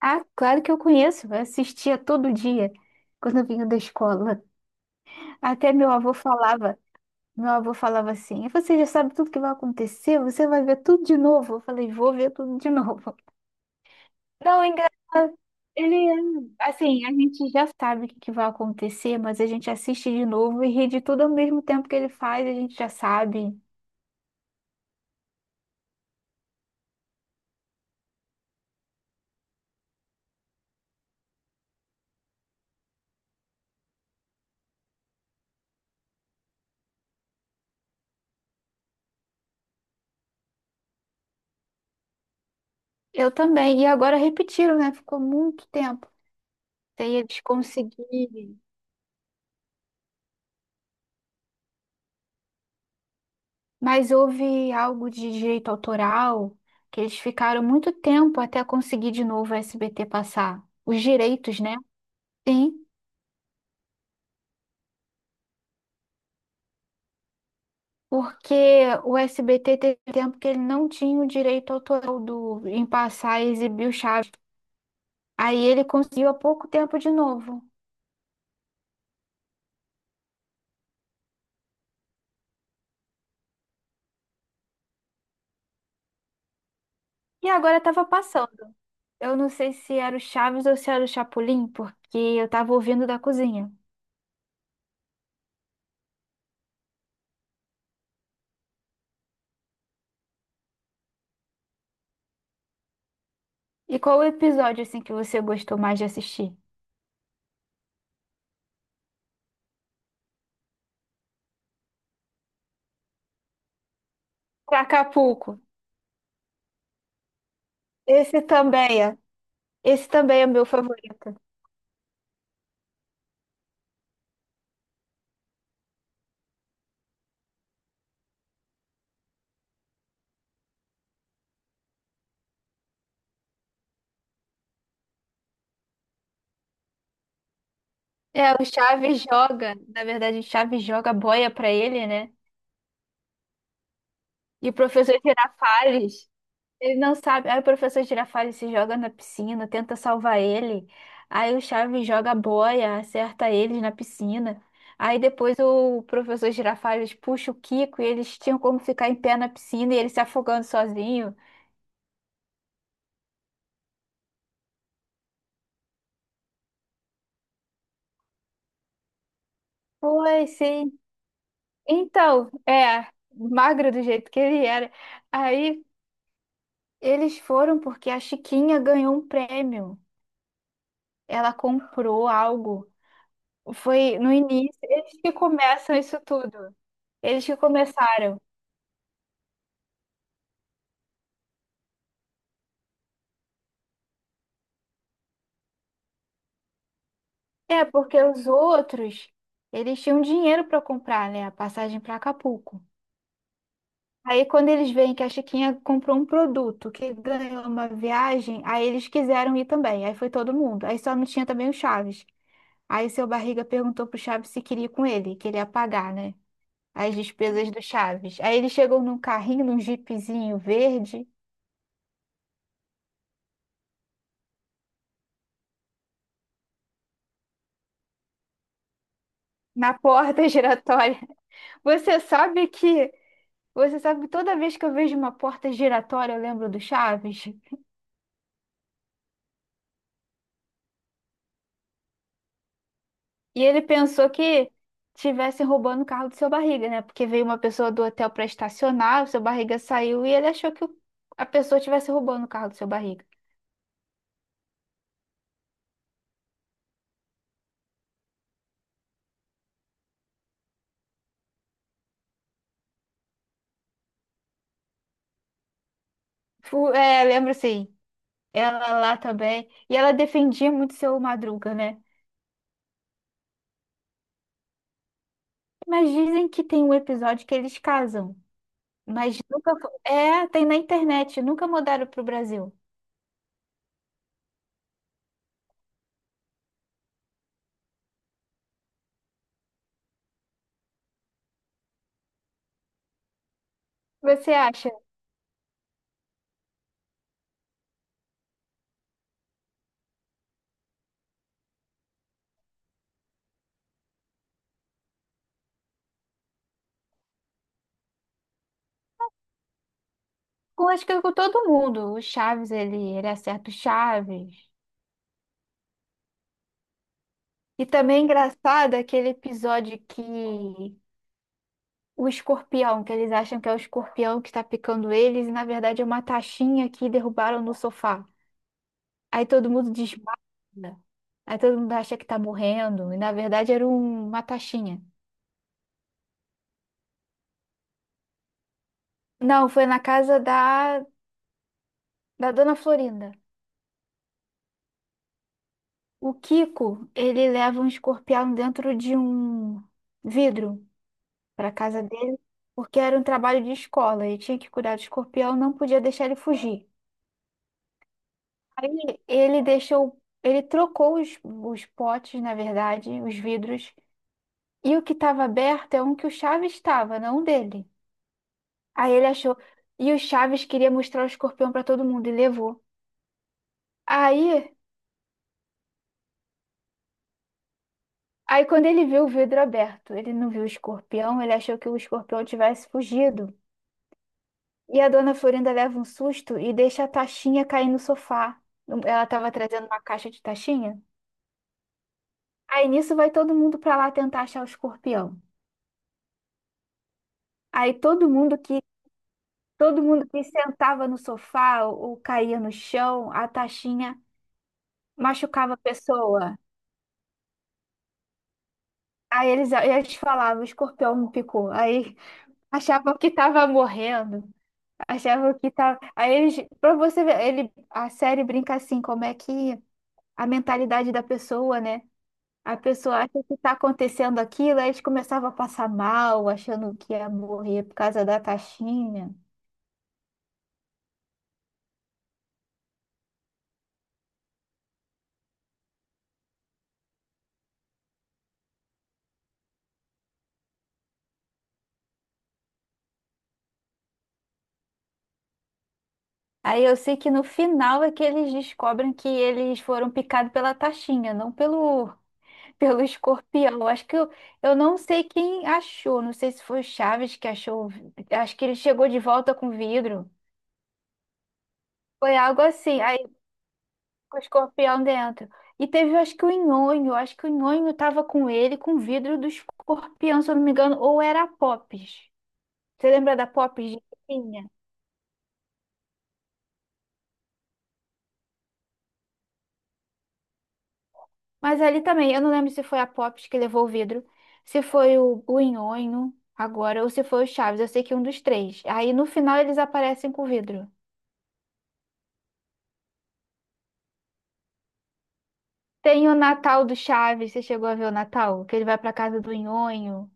Ah, claro que eu conheço. Eu assistia todo dia quando eu vinha da escola. Até meu avô falava assim: "Você já sabe tudo que vai acontecer, você vai ver tudo de novo". Eu falei: "Vou ver tudo de novo". Não, é engraçado. Ele, assim, a gente já sabe o que que vai acontecer, mas a gente assiste de novo e ri de tudo ao mesmo tempo que ele faz, a gente já sabe. Eu também. E agora repetiram, né? Ficou muito tempo sem eles conseguirem. Mas houve algo de direito autoral que eles ficaram muito tempo até conseguir de novo o SBT passar. Os direitos, né? Sim, porque o SBT teve tempo que ele não tinha o direito autoral do, em passar e exibir o Chaves. Aí ele conseguiu há pouco tempo de novo. E agora estava passando. Eu não sei se era o Chaves ou se era o Chapolin, porque eu estava ouvindo da cozinha. E qual o episódio assim que você gostou mais de assistir? Pra Acapulco. Esse também. É. Esse também é meu favorito. É, o Chaves joga, na verdade, o Chaves joga a boia pra ele, né? E o professor Girafales, ele não sabe. Aí o professor Girafales se joga na piscina, tenta salvar ele. Aí o Chaves joga a boia, acerta eles na piscina. Aí depois o professor Girafales puxa o Kiko e eles tinham como ficar em pé na piscina e ele se afogando sozinho. Foi, sim. Então, magro do jeito que ele era. Aí. Eles foram porque a Chiquinha ganhou um prêmio. Ela comprou algo. Foi no início. Eles que começam isso tudo. Eles que começaram. É, porque os outros, eles tinham dinheiro para comprar, né? A passagem para Acapulco. Aí, quando eles veem que a Chiquinha comprou um produto que ganhou uma viagem, aí eles quiseram ir também. Aí foi todo mundo. Aí só não tinha também o Chaves. Aí seu Barriga perguntou pro Chaves se queria ir com ele, que ele ia pagar, né? As despesas do Chaves. Aí eles chegam num carrinho, num jipezinho verde, na porta giratória. Você sabe que você sabe que toda vez que eu vejo uma porta giratória, eu lembro do Chaves. E ele pensou que tivessem roubando o carro do seu Barriga, né? Porque veio uma pessoa do hotel para estacionar, o seu Barriga saiu e ele achou que a pessoa tivesse roubando o carro do seu Barriga. É, lembro sim. Ela lá também. E ela defendia muito seu Madruga, né? Mas dizem que tem um episódio que eles casam. Mas nunca. É, tem na internet, nunca mudaram para o Brasil. Você acha? Com, acho que com todo mundo. O Chaves, ele acerta o Chaves. E também é engraçado aquele episódio que o escorpião, que eles acham que é o escorpião que está picando eles, e na verdade é uma taxinha que derrubaram no sofá. Aí todo mundo desmaia. Aí todo mundo acha que tá morrendo, e na verdade era uma taxinha. Não, foi na casa da, da Dona Florinda. O Kiko, ele leva um escorpião dentro de um vidro para casa dele, porque era um trabalho de escola, ele tinha que cuidar do escorpião, não podia deixar ele fugir. Aí ele deixou, ele trocou os potes, na verdade, os vidros, e o que estava aberto é um que o Chaves estava, não o dele. Aí ele achou, e o Chaves queria mostrar o escorpião para todo mundo e levou. Aí, aí, quando ele viu o vidro aberto, ele não viu o escorpião, ele achou que o escorpião tivesse fugido. E a Dona Florinda leva um susto e deixa a taxinha cair no sofá. Ela estava trazendo uma caixa de taxinha. Aí nisso vai todo mundo para lá tentar achar o escorpião. Aí todo mundo que sentava no sofá ou caía no chão, a taxinha machucava a pessoa. Aí eles falavam, o escorpião me picou. Aí achavam que estava morrendo. Achavam que tava. Aí eles, para você ver, ele, a série brinca assim, como é que a mentalidade da pessoa, né? A pessoa acha que está acontecendo aquilo, aí a gente começava a passar mal, achando que ia morrer por causa da taxinha. Aí eu sei que no final é que eles descobrem que eles foram picados pela taxinha, não pelo, pelo escorpião. Acho que eu não sei quem achou, não sei se foi o Chaves que achou, o acho que ele chegou de volta com vidro. Foi algo assim, aí com o escorpião dentro. E teve, acho que o Nhonho, acho que o Nhonho tava com ele, com o vidro do escorpião, se eu não me engano, ou era a Popes. Você lembra da Pops de Tinha? Mas ali também, eu não lembro se foi a Pops que levou o vidro, se foi o Nhonho agora, ou se foi o Chaves. Eu sei que é um dos três. Aí no final eles aparecem com o vidro. Tem o Natal do Chaves, você chegou a ver o Natal? Que ele vai pra casa do Nhonho.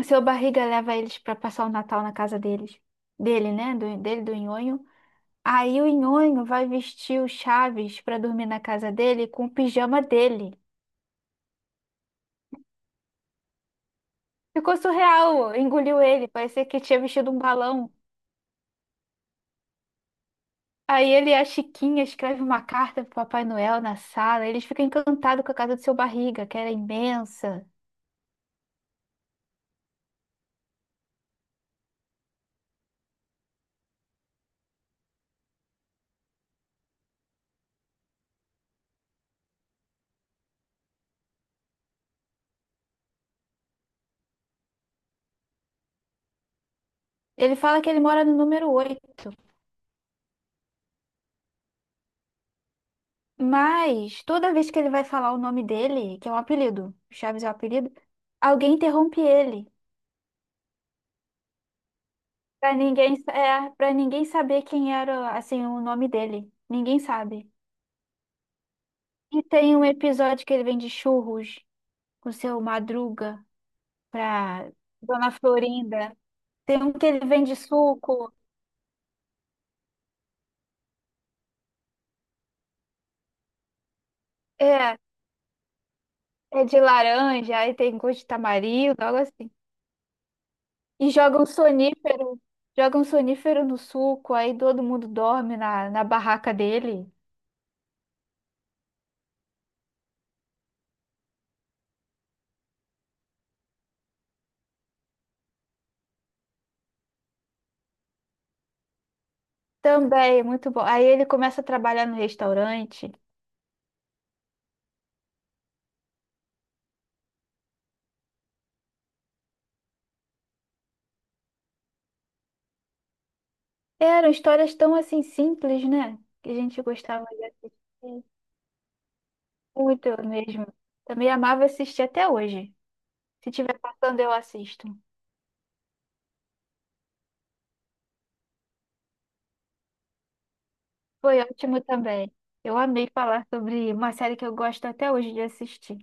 O seu Barriga leva eles pra passar o Natal na casa deles. Dele, né? Do, dele, do Nhonho. Aí o Nhonho vai vestir o Chaves pra dormir na casa dele com o pijama dele. Ficou surreal, engoliu ele, parecia que tinha vestido um balão. Aí ele e a Chiquinha escreve uma carta pro Papai Noel na sala. Eles ficam encantados com a casa do seu Barriga, que era imensa. Ele fala que ele mora no número 8. Mas toda vez que ele vai falar o nome dele, que é um apelido, Chaves é um apelido, alguém interrompe ele. Pra ninguém, é, para ninguém saber quem era, assim, o nome dele. Ninguém sabe. E tem um episódio que ele vende churros com seu Madruga pra Dona Florinda. Tem um que ele vende suco. É, É de laranja, aí tem gosto de tamarindo, algo assim. E joga um sonífero no suco, aí todo mundo dorme na, na barraca dele. Também, muito bom. Aí ele começa a trabalhar no restaurante. Eram histórias tão assim simples, né? Que a gente gostava de assistir. Muito mesmo. Também amava assistir até hoje. Se tiver passando, eu assisto. Foi ótimo também. Eu amei falar sobre uma série que eu gosto até hoje de assistir.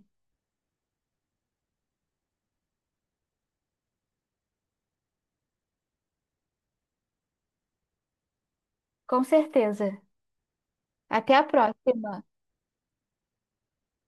Com certeza. Até a próxima.